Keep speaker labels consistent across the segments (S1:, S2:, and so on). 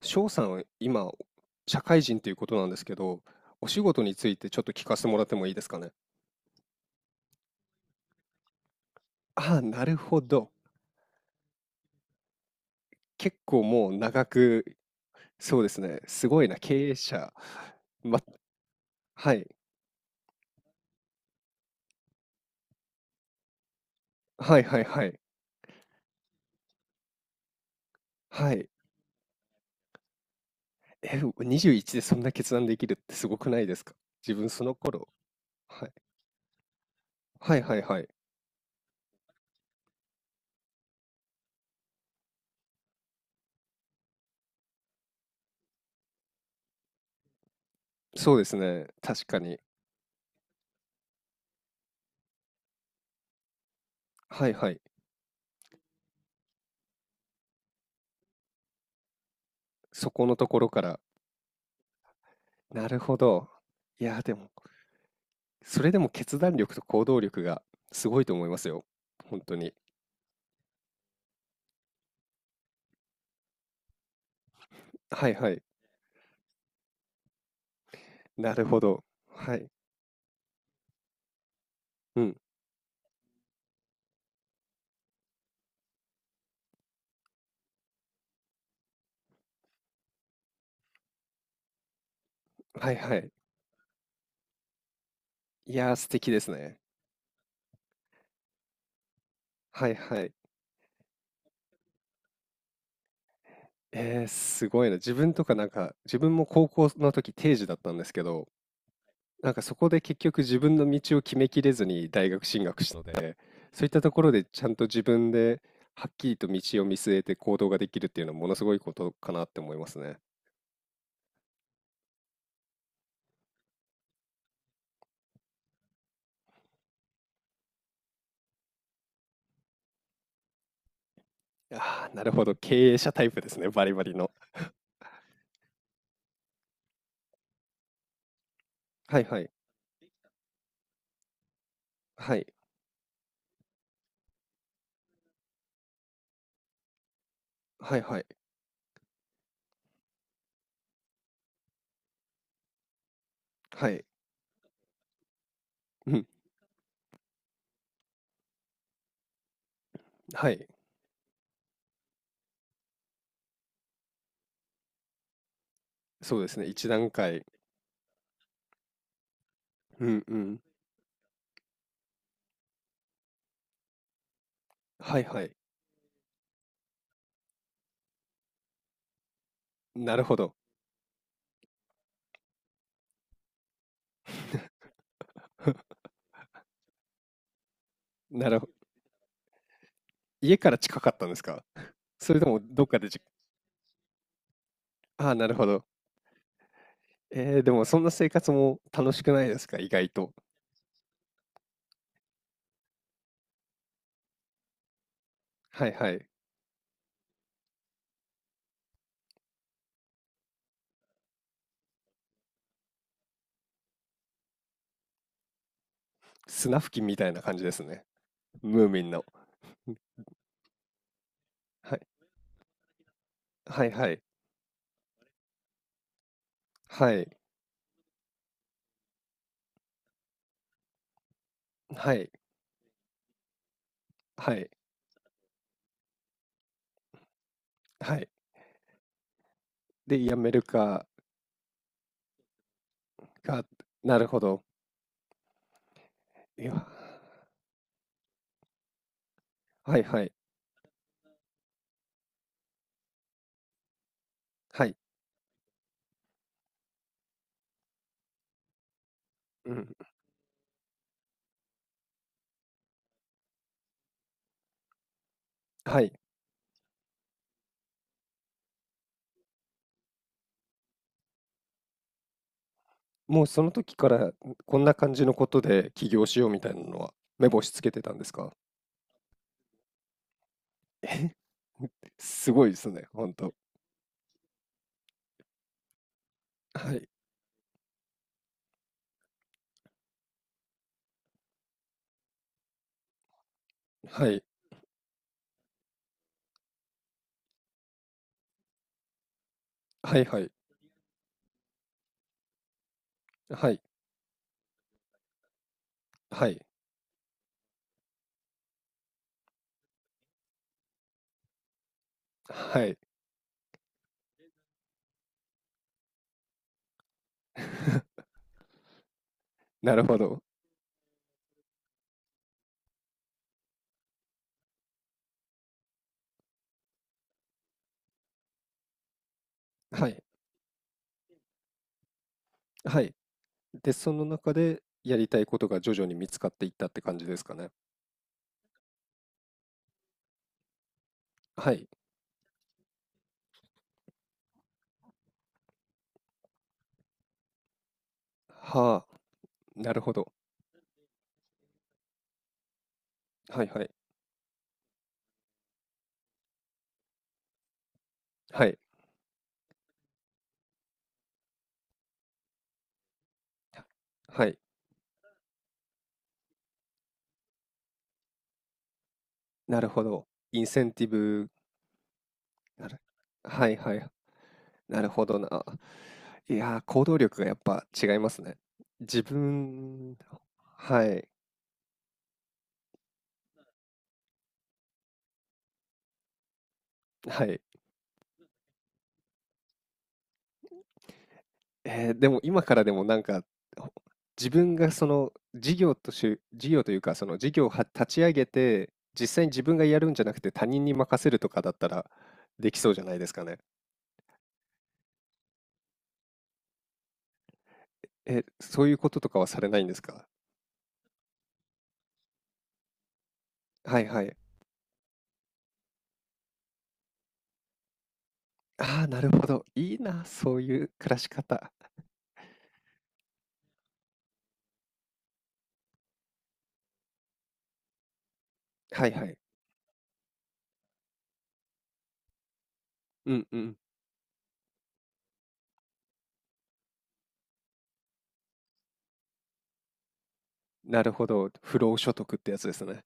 S1: 翔さんは今、社会人ということなんですけど、お仕事についてちょっと聞かせてもらってもいいですかね。ああ、なるほど。結構もう長く、そうですね。すごいな、経営者。ま、はい。はいはいはい。はい。え、21でそんな決断できるってすごくないですか、自分その頃。はい。はいはいはい。そうですね。確かに。はいはい。そこのところから。なるほど。いや、でもそれでも決断力と行動力がすごいと思いますよ。本当に。はいはい。なるほど。はい。うん。はいはい。いやー、素敵ですね。はいはい。えー、すごいな。自分とかなんか、自分も高校の時定時だったんですけど、なんかそこで結局自分の道を決めきれずに大学進学したので、そういったところでちゃんと自分ではっきりと道を見据えて行動ができるっていうのはものすごいことかなって思いますね。ああ、なるほど。経営者タイプですね。バリバリの。はいはい。はい。はいはい。はい。うん。はい。そうですね。一段階。うんうん。はいはい。なるほど。なるほ家から近かったんですか？それともどっかでじああ、なるほど。でもそんな生活も楽しくないですか？意外と。はいはい。砂吹きみたいな感じですね。ムーミンの。はい。はいはい。はい。はい。はい。はい。で、やめるかがなるほど。いや、はいはい。はい。うん。はい。もうその時から、こんな感じのことで起業しようみたいなのは目星つけてたんですか？すごいですね、ほんと。はい、はい、はいはい、はい、はい、はい。なるほど。はい、はい。で、その中でやりたいことが徐々に見つかっていったって感じですかね。はい。はあ、なるほど。はいはい。はい。はい。なるほど。インセンティブなるはいはいはい。なるほどな。いやー、行動力がやっぱ違いますね。自分、はい、はい。でも今からでもなんか、ほ自分がその事業というか、その事業をは立ち上げて、実際に自分がやるんじゃなくて他人に任せるとかだったらできそうじゃないですかね。え、そういうこととかはされないんですか。はいはい。ああ、なるほど。いいな、そういう暮らし方。はいはい。うんうん。なるほど。不労所得ってやつですね。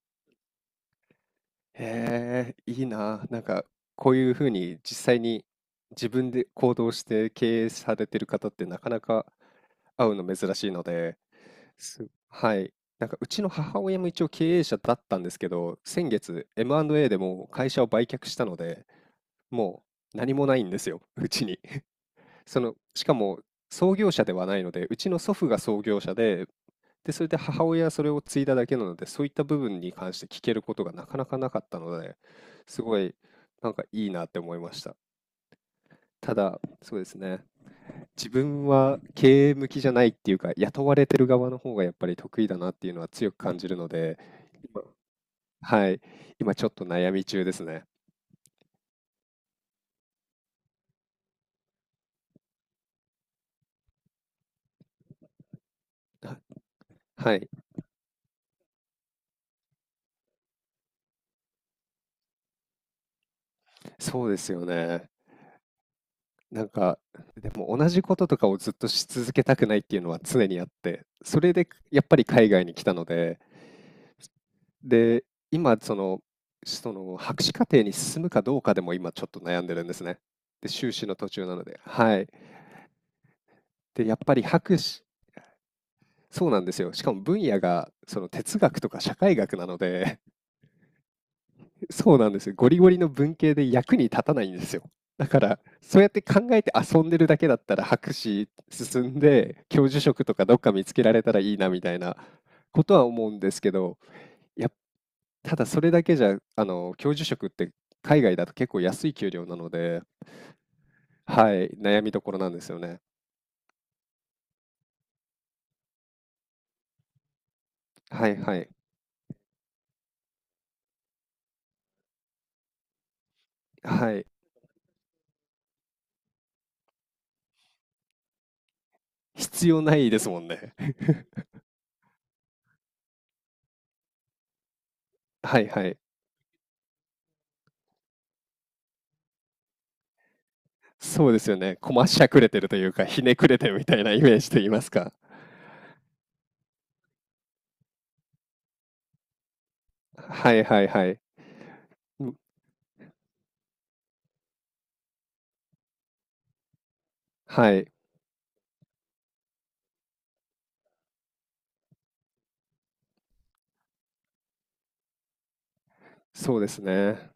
S1: へえ、いいな。なんか、こういう風に実際に自分で行動して経営されてる方ってなかなか会うの珍しいので、はい。なんかうちの母親も一応経営者だったんですけど、先月 M&A でもう会社を売却したので、もう何もないんですよ、うちに。その、しかも創業者ではないので、うちの祖父が創業者で、で、それで母親はそれを継いだだけなので、そういった部分に関して聞けることがなかなかなかったので、すごいなんかいいなって思いました。ただ、そうですね。自分は経営向きじゃないっていうか、雇われてる側の方がやっぱり得意だなっていうのは強く感じるので、今、はい、今ちょっと悩み中ですね。ははい、そうですよね。なんか、でも同じこととかをずっとし続けたくないっていうのは常にあって、それでやっぱり海外に来たので、で、今その、博士課程に進むかどうかでも今ちょっと悩んでるんですね。で、修士の途中なので。はい。で、やっぱり博士、そうなんですよ。しかも分野がその哲学とか社会学なので、そうなんですよ。ゴリゴリの文系で役に立たないんですよ。だから、そうやって考えて遊んでるだけだったら博士進んで、教授職とかどっか見つけられたらいいなみたいなことは思うんですけど、やっただそれだけじゃ、教授職って海外だと結構安い給料なので、はい、悩みどころなんですよね。はいはい。はい。必要ないですもんね。はいはい。そうですよね。こましゃくれてるというか、ひねくれてるみたいなイメージと言いますか。はいはいはい。うん、はい。そうですね。